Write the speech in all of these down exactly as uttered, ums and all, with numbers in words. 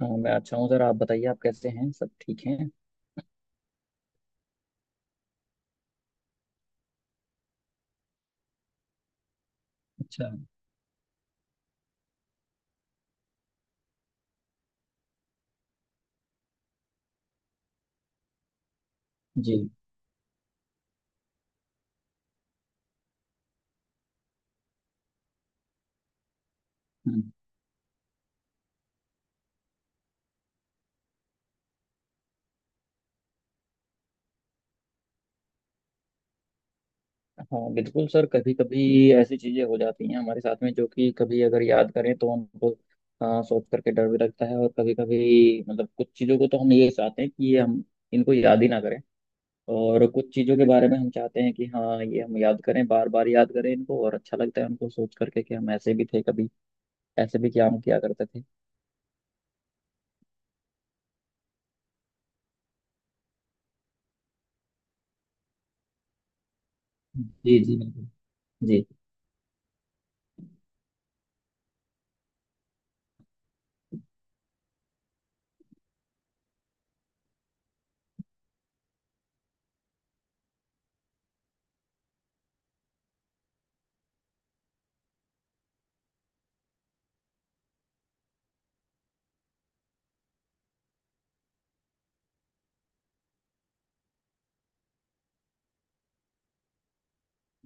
हाँ, मैं अच्छा हूँ सर। आप बताइए, आप कैसे हैं, सब ठीक हैं? अच्छा। जी। हम्म। हाँ बिल्कुल सर, कभी कभी ऐसी चीज़ें हो जाती हैं हमारे साथ में, जो कि कभी अगर याद करें तो हमको आ, सोच करके डर भी लगता है। और कभी कभी मतलब कुछ चीज़ों को तो हम ये चाहते हैं कि ये हम इनको याद ही ना करें। और कुछ चीज़ों के बारे में हम चाहते हैं कि हाँ, ये हम याद करें, बार बार याद करें इनको, और अच्छा लगता है उनको सोच करके कि हम ऐसे भी थे कभी, ऐसे भी क्या हम किया करते थे। जी जी बिल्कुल। जी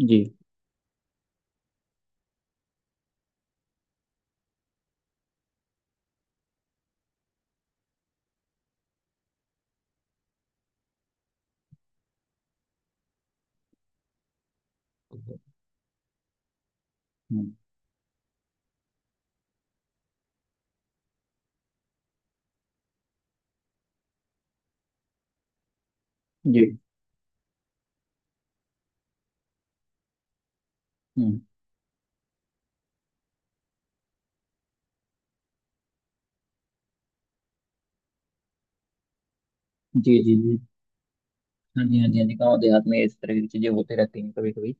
जी। हम्म। जी। हम्म। जी जी जी। हाँ जी, हाँ जी, हाँ जी, गाँव देहात में इस तरह की चीजें होते रहती हैं कभी कभी।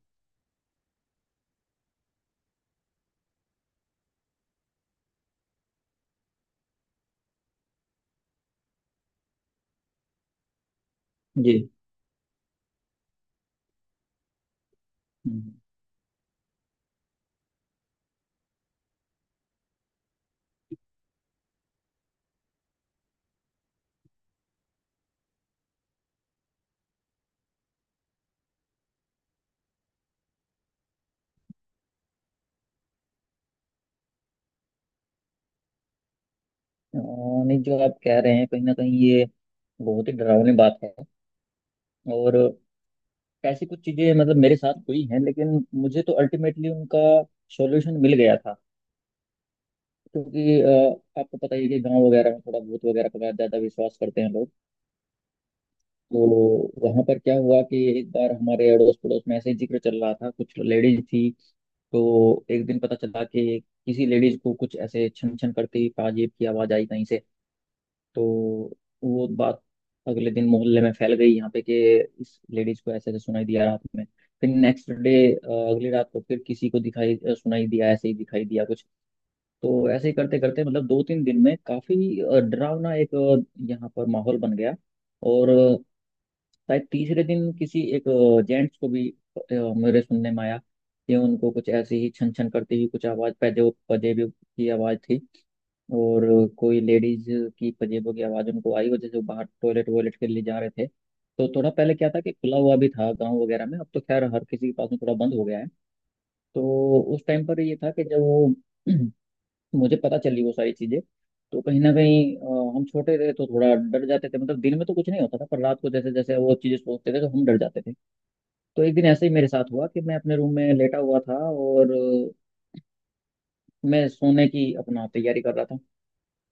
जी। हम्म। अ, नहीं, जो आप कह रहे हैं कहीं ना कहीं ये बहुत ही डरावनी बात है। और ऐसी कुछ चीजें मतलब मेरे साथ हुई हैं, लेकिन मुझे तो अल्टीमेटली उनका सॉल्यूशन मिल गया था। क्योंकि अ, आपको पता ही है कि गांव वगैरह में थोड़ा भूत वगैरह का ज्यादा विश्वास करते हैं लोग। तो वहां पर क्या हुआ कि एक बार हमारे अड़ोस पड़ोस में ऐसे ही जिक्र चल रहा था, कुछ लेडीज थी। तो एक दिन पता चला कि किसी लेडीज को कुछ ऐसे छन छन करती ताजीब की आवाज आई कहीं से। तो वो बात अगले दिन मोहल्ले में फैल गई यहाँ पे, कि इस लेडीज को ऐसे ऐसे सुनाई दिया रात में। फिर नेक्स्ट डे अगली रात को फिर किसी को दिखाई, अ, सुनाई दिया, ऐसे ही दिखाई दिया कुछ। तो ऐसे ही करते करते मतलब दो तीन दिन में काफी अ, डरावना एक अ, यहाँ पर माहौल बन गया। और शायद तीसरे दिन किसी एक जेंट्स को भी अ, मेरे सुनने में आया कि उनको कुछ ऐसी ही छन छन करती हुई कुछ आवाज, पजे पजेबों की आवाज थी। और कोई लेडीज की पजेबों की आवाज उनको आई, वजह से वो बाहर टॉयलेट वॉयलेट के लिए जा रहे थे। तो थोड़ा पहले क्या था कि खुला हुआ भी था गांव वगैरह में, अब तो खैर हर किसी के पास में थोड़ा बंद हो गया है। तो उस टाइम पर ये था कि जब वो मुझे पता चली वो सारी चीजें, तो कहीं ना कहीं अ, हम छोटे थे तो थोड़ा डर जाते थे मतलब। दिन में तो कुछ नहीं होता था, पर रात को जैसे जैसे वो चीजें सोचते थे तो हम डर जाते थे। तो एक दिन ऐसे ही मेरे साथ हुआ कि मैं अपने रूम में लेटा हुआ था, और अ, मैं सोने की अपना तैयारी कर रहा था।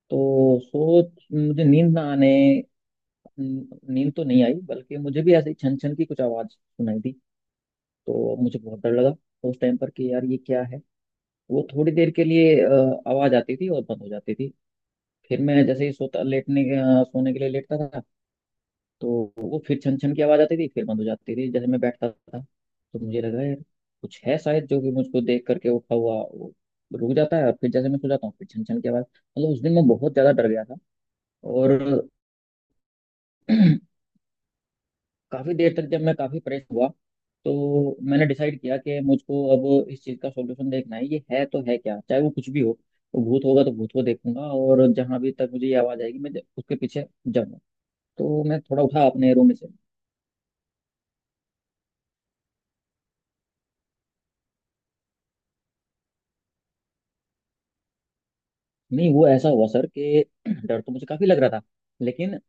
तो सोच मुझे नींद ना आने, न- नींद तो नहीं आई, बल्कि मुझे भी ऐसे ही छन छन की कुछ आवाज़ सुनाई दी। तो मुझे बहुत डर लगा उस टाइम पर, कि यार ये क्या है। वो थोड़ी देर के लिए अ, आवाज़ आती थी और बंद हो जाती थी। फिर मैं जैसे ही सोता, लेटने के- अ, सोने के लिए लेटता था, तो वो फिर छन छन की आवाज आती थी, फिर बंद हो जाती थी। जैसे मैं बैठता था तो मुझे लगा यार, कुछ है शायद जो कि मुझको देख करके उठा हुआ वो रुक जाता है, और फिर जैसे मैं सो जाता हूँ फिर छन छन की आवाज। मतलब उस दिन मैं बहुत ज्यादा डर गया था। और काफी देर तक जब मैं काफी परेशान हुआ, तो मैंने डिसाइड किया कि मुझको अब इस चीज का सॉल्यूशन देखना है, ये है तो है क्या, चाहे वो कुछ भी हो। तो भूत होगा तो भूत को देखूंगा, और जहां भी तक मुझे ये आवाज आएगी मैं ज- उसके पीछे जाऊंगा। तो मैं थोड़ा उठा अपने रूम में से। नहीं, वो ऐसा हुआ सर कि डर तो मुझे काफी लग रहा था, लेकिन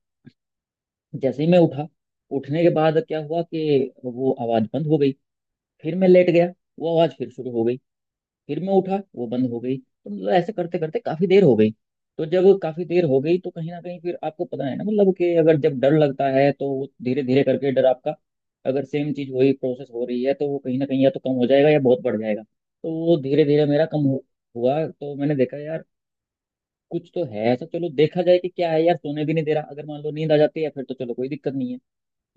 जैसे ही मैं उठा, उठने के बाद क्या हुआ कि वो आवाज बंद हो गई। फिर मैं लेट गया, वो आवाज फिर शुरू हो गई। फिर मैं उठा, वो बंद हो गई। तो मतलब ऐसे करते करते काफी देर हो गई। तो जब काफी देर हो गई तो कहीं ना कहीं फिर आपको पता है ना, मतलब कि अगर जब डर लगता है तो धीरे धीरे करके डर आपका, अगर सेम चीज वही प्रोसेस हो रही है तो वो कहीं ना कहीं या तो कम हो जाएगा या बहुत बढ़ जाएगा। तो वो धीरे धीरे मेरा कम हो- हुआ। तो मैंने देखा यार, कुछ तो है ऐसा, चलो देखा जाए कि क्या है यार। सोने भी नहीं दे रहा, अगर मान लो नींद आ जाती है फिर तो चलो कोई दिक्कत नहीं है,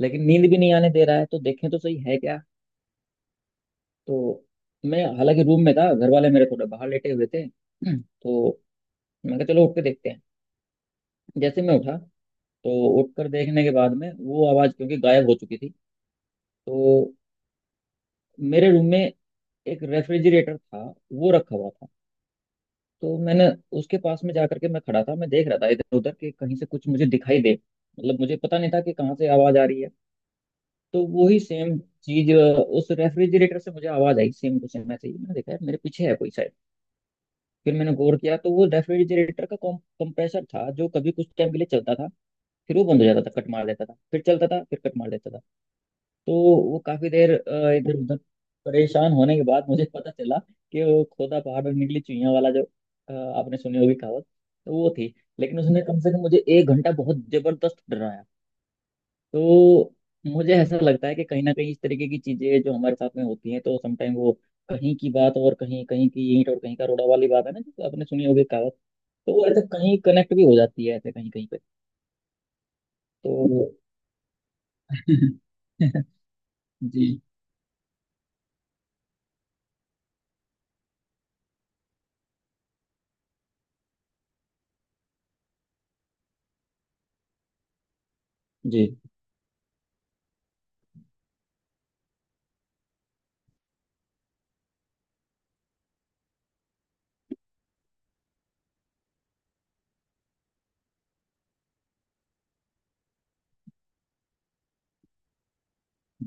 लेकिन नींद भी नहीं आने दे रहा है तो देखें तो सही, है क्या। तो मैं हालांकि रूम में था, घर वाले मेरे थोड़ा बाहर लेटे हुए थे। तो मैं कहा चलो उठ के देखते हैं। जैसे मैं उठा, तो उठकर देखने के बाद में वो आवाज़ क्योंकि गायब हो चुकी थी। तो मेरे रूम में एक रेफ्रिजरेटर था, वो रखा हुआ था। तो मैंने उसके पास में जाकर के मैं खड़ा था, मैं देख रहा था इधर उधर कि कहीं से कुछ मुझे दिखाई दे। मतलब मुझे पता नहीं था कि कहाँ से आवाज़ आ रही है। तो वही सेम चीज उस रेफ्रिजरेटर से मुझे आवाज आई सेम टू सेम। ऐसे ही मैंने देखा, यार मेरे पीछे है कोई शायद। फिर मैंने गौर किया तो वो रेफ्रिजरेटर का कंप्रेसर था, जो कभी कुछ टाइम के लिए चलता था, फिर वो बंद हो जाता था, कट मार देता था, फिर चलता था, फिर कट मार देता था। तो वो काफी देर अ, इधर उधर परेशान होने के बाद मुझे पता चला कि वो खोदा पहाड़ में निकली चुहिया वाला जो, अ, आपने सुनी होगी कहावत, तो वो थी। लेकिन उसने कम से कम मुझे एक घंटा बहुत जबरदस्त डराया। तो मुझे ऐसा लगता है कि कहीं ना कहीं इस तरीके की चीजें जो हमारे साथ में होती हैं तो समटाइम वो कहीं की बात और कहीं कहीं की ईंट और कहीं का रोड़ा वाली बात है ना, जो आपने सुनी होगी कहावत। तो वो ऐसे कहीं कनेक्ट भी हो जाती है ऐसे कहीं कहीं पे। तो जी। जी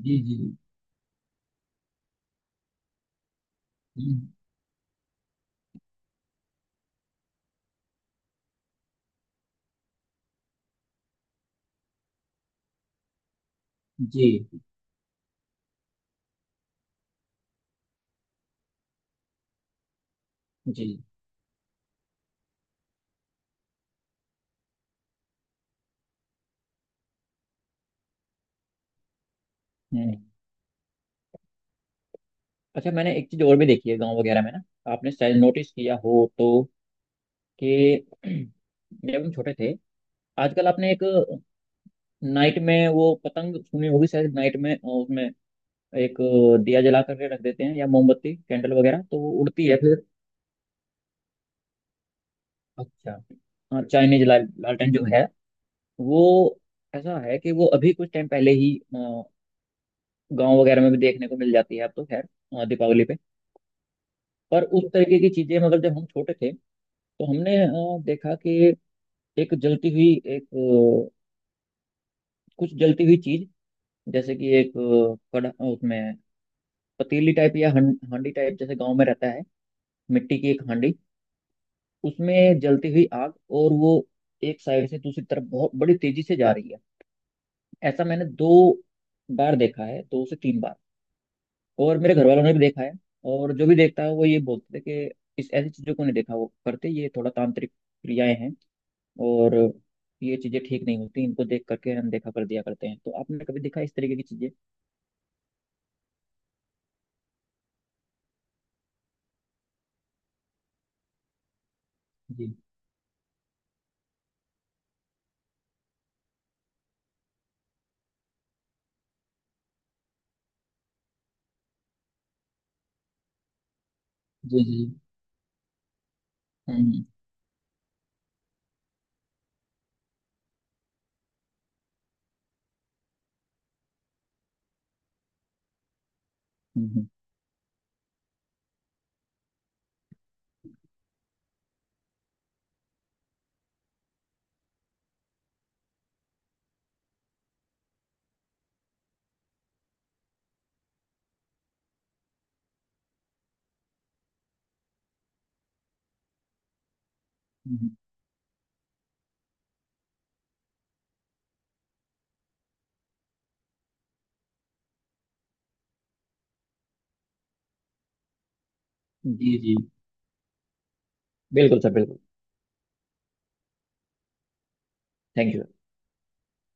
जी जी। हम्म, जी। जी। हम्म। अच्छा, मैंने एक चीज और भी देखी है गांव वगैरह में ना, आपने शायद नोटिस किया हो, तो कि जब हम छोटे थे, आजकल आपने एक नाइट में वो पतंग सुनी होगी शायद, नाइट में अ, उसमें एक अ, दिया जला करके रख देते हैं, या मोमबत्ती कैंडल वगैरह, तो वो उड़ती है फिर। अच्छा। हाँ, चाइनीज लाल, लालटेन जो है वो, ऐसा है कि वो अभी कुछ टाइम पहले ही गांव वगैरह में भी देखने को मिल जाती है, अब तो खैर अ, दीपावली पे। पर उस तरीके की चीजें मतलब जब हम छोटे थे, तो हमने अ, देखा कि एक जलती हुई एक अ, कुछ जलती हुई चीज, जैसे कि एक अ, कड़ा, उसमें पतीली टाइप या हं- हांडी टाइप, जैसे गांव में रहता है मिट्टी की एक हांडी, उसमें जलती हुई आग, और वो एक साइड से दूसरी तरफ बहुत बड़ी तेजी से जा रही है। ऐसा मैंने दो बार देखा है, दो से तीन बार। और मेरे घर वालों ने भी देखा है, और जो भी देखता है वो ये बोलते थे कि इस ऐसी चीजों को नहीं देखा, वो करते ये थोड़ा तांत्रिक क्रियाएं हैं। और ये चीजें ठीक नहीं होती, इनको देख करके अनदेखा कर दिया करते हैं। तो आपने कभी देखा इस तरीके की चीजें? जी जी। जी। हम्म हम्म। हम्म, हम्म। जी जी बिल्कुल सर, बिल्कुल। Thank you.